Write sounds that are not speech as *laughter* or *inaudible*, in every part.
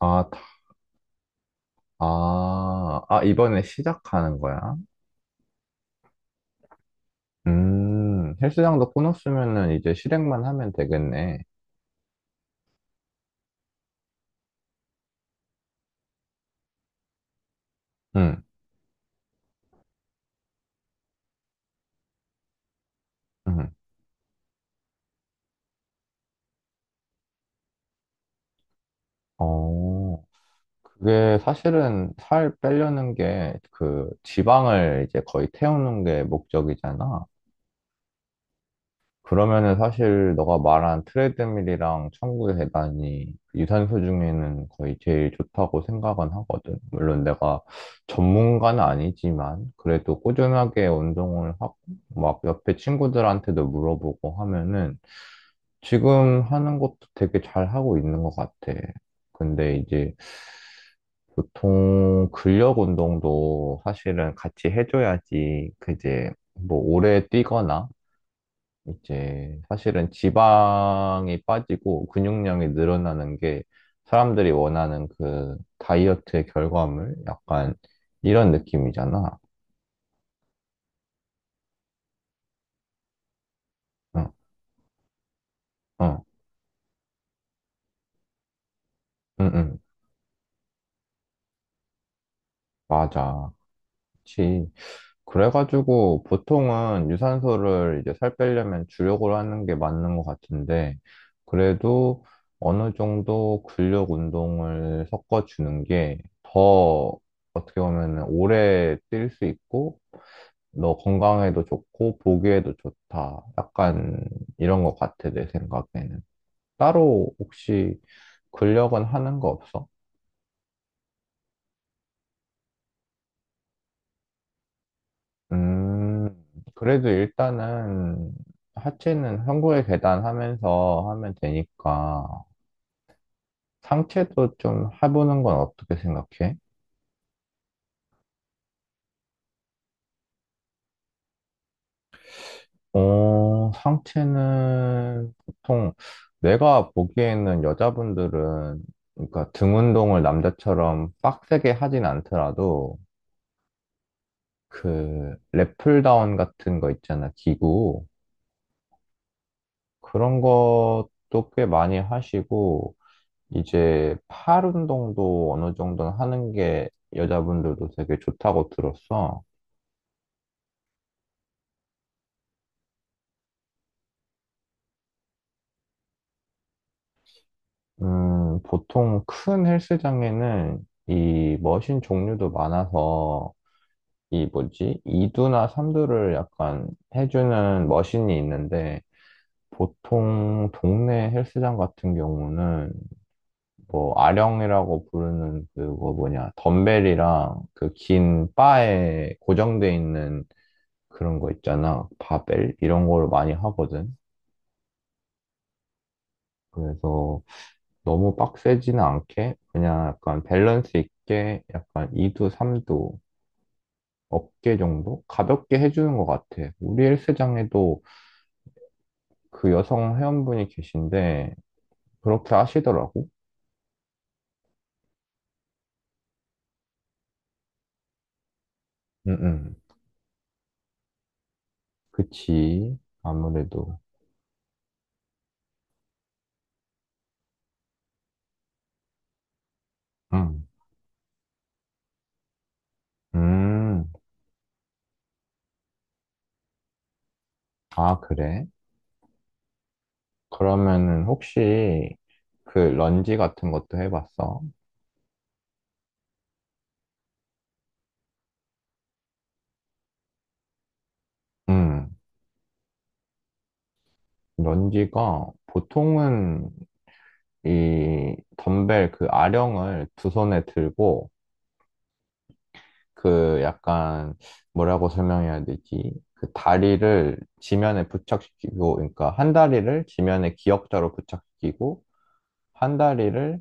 아, 다- 이번에 시작하는 거야? 헬스장도 끊었으면은 이제 실행만 하면 되겠네. 응, 응. 어, 그게 사실은 살 빼려는 게 그 지방을 이제 거의 태우는 게 목적이잖아. 그러면은 사실 너가 말한 트레드밀이랑 천구 계단이 유산소 중에는 거의 제일 좋다고 생각은 하거든. 물론 내가 전문가는 아니지만 그래도 꾸준하게 운동을 하고 막 옆에 친구들한테도 물어보고 하면은 지금 하는 것도 되게 잘 하고 있는 것 같아. 근데 이제 보통 근력 운동도 사실은 같이 해줘야지, 그제 뭐 오래 뛰거나 이제 사실은 지방이 빠지고 근육량이 늘어나는 게 사람들이 원하는 그 다이어트의 결과물? 약간 이런 느낌이잖아. 응, 응, 응, 응. 맞아. 그치. 그래가지고 보통은 유산소를 이제 살 빼려면 주력으로 하는 게 맞는 것 같은데, 그래도 어느 정도 근력 운동을 섞어주는 게 더 어떻게 보면 오래 뛸 수 있고 너 건강에도 좋고 보기에도 좋다. 약간 이런 것 같아, 내 생각에는. 따로 혹시 근력은 하는 거 없어? 음, 그래도 일단은 하체는 한국의 계단 하면서 하면 되니까 상체도 좀 해보는 건 어떻게 생각해? 상체는 보통 내가 보기에는 여자분들은, 그러니까 등 운동을 남자처럼 빡세게 하진 않더라도 그 랩풀다운 같은 거 있잖아, 기구. 그런 것도 꽤 많이 하시고, 이제 팔 운동도 어느 정도는 하는 게 여자분들도 되게 좋다고 들었어. 보통 큰 헬스장에는 이 머신 종류도 많아서, 이 뭐지? 2두나 3두를 약간 해주는 머신이 있는데, 보통 동네 헬스장 같은 경우는 뭐 아령이라고 부르는 그거 뭐냐, 덤벨이랑 그 긴 바에 고정돼 있는 그런 거 있잖아, 바벨. 이런 걸 많이 하거든. 그래서 너무 빡세지는 않게 그냥 약간 밸런스 있게 약간 2두 3두 어깨 정도 가볍게 해주는 것 같아. 우리 헬스장에도 그 여성 회원분이 계신데 그렇게 하시더라고. 응응, 그치. 아무래도. 응. 음, 아, 그래? 그러면은 혹시 그 런지 같은 것도 해봤어? 음, 런지가 보통은 이 덤벨, 그 아령을 두 손에 들고 그 약간, 뭐라고 설명해야 되지? 그 다리를 지면에 부착시키고, 그러니까 한 다리를 지면에 기역자로 부착시키고, 한 다리를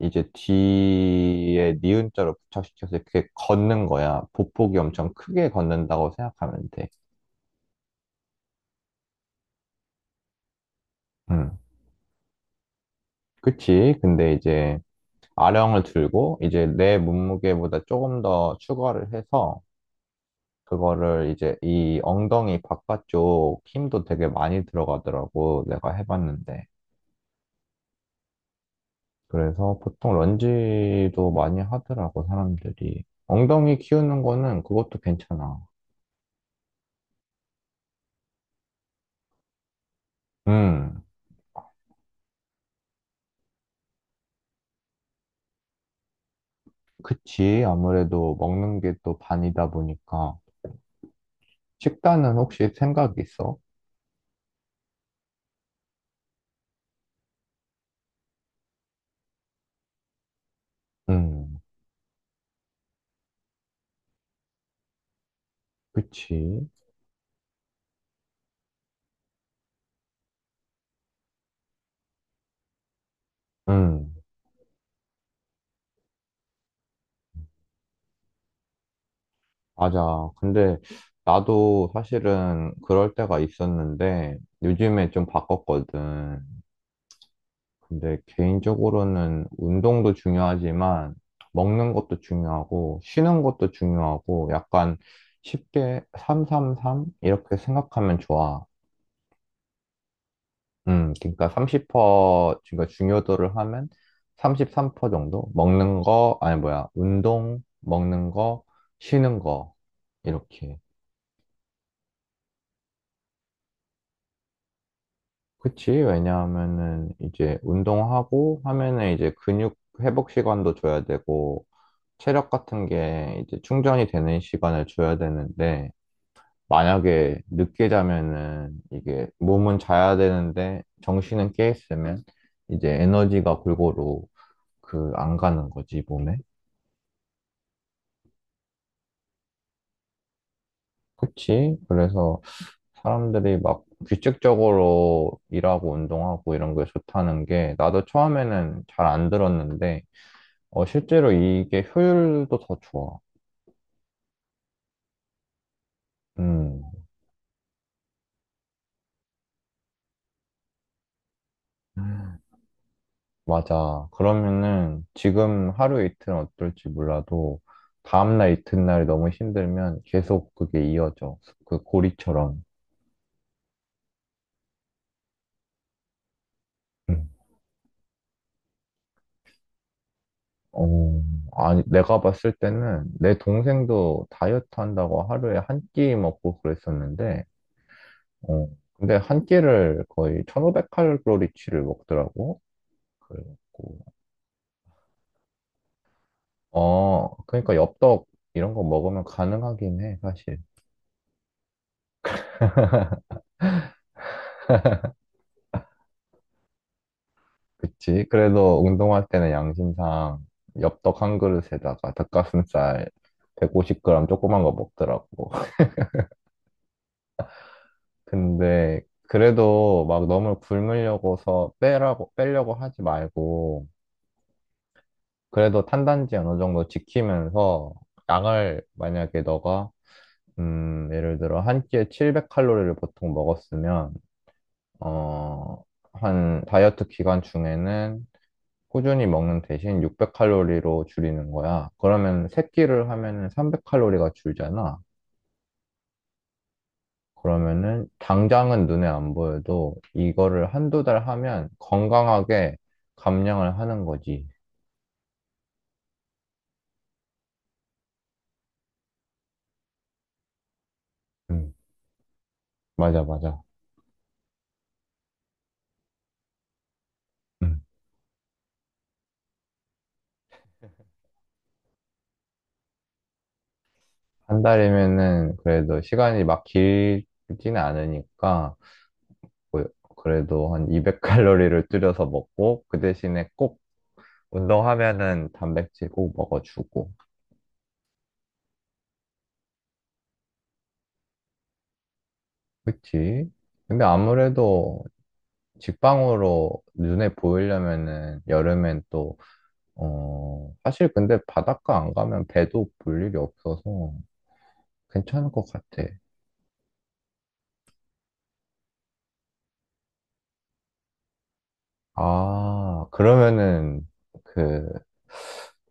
이제 뒤에 니은자로 부착시켜서 이렇게 걷는 거야. 보폭이 엄청 크게 걷는다고 생각하면 돼. 음. 그치. 근데 이제 아령을 들고 이제 내 몸무게보다 조금 더 추가를 해서 그거를 이제, 이 엉덩이 바깥쪽 힘도 되게 많이 들어가더라고, 내가 해봤는데. 그래서 보통 런지도 많이 하더라고, 사람들이. 엉덩이 키우는 거는 그것도 괜찮아. 음, 그치. 아무래도 먹는 게 또 반이다 보니까. 식단은 혹시 생각 있어? 음, 그치. 음. 맞아. 근데 나도 사실은 그럴 때가 있었는데 요즘에 좀 바꿨거든. 근데 개인적으로는 운동도 중요하지만 먹는 것도 중요하고 쉬는 것도 중요하고, 약간 쉽게 333 이렇게 생각하면 좋아. 그러니까 30%, 그러니까 중요도를 하면 33% 정도? 먹는 거, 아니 뭐야, 운동, 먹는 거, 쉬는 거, 이렇게. 그치. 왜냐하면은 이제 운동하고 하면은 이제 근육 회복 시간도 줘야 되고 체력 같은 게 이제 충전이 되는 시간을 줘야 되는데, 만약에 늦게 자면은 이게 몸은 자야 되는데 정신은 깨 있으면 이제 에너지가 골고루 그 안 가는 거지, 몸에. 그치. 그래서 사람들이 막 규칙적으로 일하고 운동하고 이런 게 좋다는 게 나도 처음에는 잘 안 들었는데, 실제로 이게 효율도 더 좋아. 음, 음, 맞아. 그러면은 지금 하루 이틀은 어떨지 몰라도 다음날 이튿날이 너무 힘들면 계속 그게 이어져. 그 고리처럼. 음. 어, 아니, 내가 봤을 때는 내 동생도 다이어트 한다고 하루에 한 끼 먹고 그랬었는데, 어, 근데 한 끼를 거의 1500칼로리치를 먹더라고. 그래갖고 그러니까 엽떡 이런 거 먹으면 가능하긴 해, 사실. 그치? 그래도 운동할 때는 양심상 엽떡 한 그릇에다가 닭가슴살 150g 조그만 거 먹더라고. *laughs* 근데 그래도 막 너무 굶으려고서 빼라고, 빼려고 하지 말고, 그래도 탄단지 어느 정도 지키면서 양을, 만약에 너가, 예를 들어 한 끼에 700칼로리를 보통 먹었으면, 어, 한 다이어트 기간 중에는 꾸준히 먹는 대신 600칼로리로 줄이는 거야. 그러면 세끼를 하면은 300칼로리가 줄잖아. 그러면은 당장은 눈에 안 보여도 이거를 한두 달 하면 건강하게 감량을 하는 거지. 음, 맞아, 맞아. 음. 한 달이면은 그래도 시간이 막 길지는 않으니까, 뭐 그래도 한 200칼로리를 줄여서 먹고 그 대신에 꼭 운동하면은 단백질 꼭 먹어주고. 그치? 근데 아무래도 직방으로 눈에 보이려면은 여름엔 또, 사실 근데 바닷가 안 가면 배도 볼 일이 없어서 괜찮을 것 같아. 아, 그러면은 그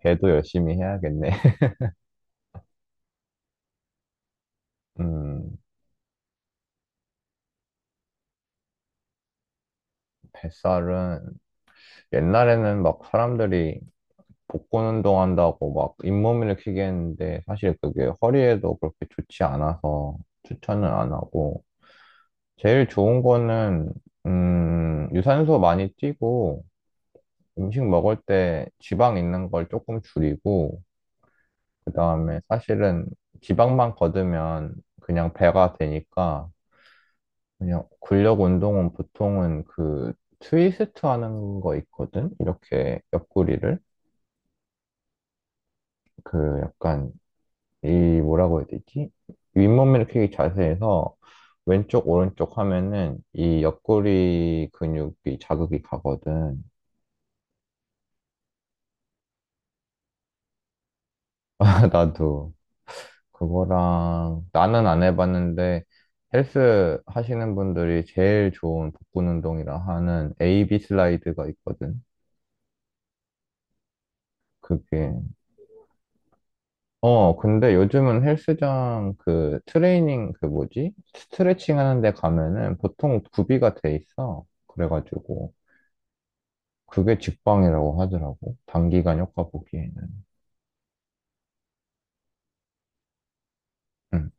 배도 열심히 해야겠네. *laughs* 음, 뱃살은 옛날에는 막 사람들이 복근 운동한다고 막 잇몸 일으키게 했는데, 사실 그게 허리에도 그렇게 좋지 않아서 추천은 안 하고. 제일 좋은 거는, 유산소 많이 뛰고, 음식 먹을 때 지방 있는 걸 조금 줄이고, 그 다음에 사실은 지방만 걷으면 그냥 배가 되니까, 그냥 근력 운동은 보통은 그 트위스트 하는 거 있거든? 이렇게 옆구리를. 그 약간, 이 뭐라고 해야 되지? 윗몸 일으키기 자세에서 왼쪽, 오른쪽 하면은 이 옆구리 근육이 자극이 가거든. *laughs* 나도 그거랑, 나는 안 해봤는데 헬스 하시는 분들이 제일 좋은 복근 운동이라 하는 AB 슬라이드가 있거든. 그게, 근데 요즘은 헬스장 그 트레이닝, 그 뭐지? 스트레칭 하는 데 가면은 보통 구비가 돼 있어. 그래가지고 그게 직방이라고 하더라고, 단기간 효과 보기에는. 응.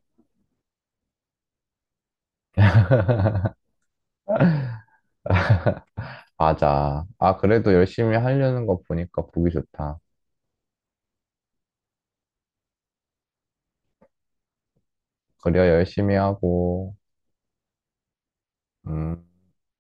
맞아. 아, 그래도 열심히 하려는 거 보니까 보기 좋다. 그래야 열심히 하고. 음.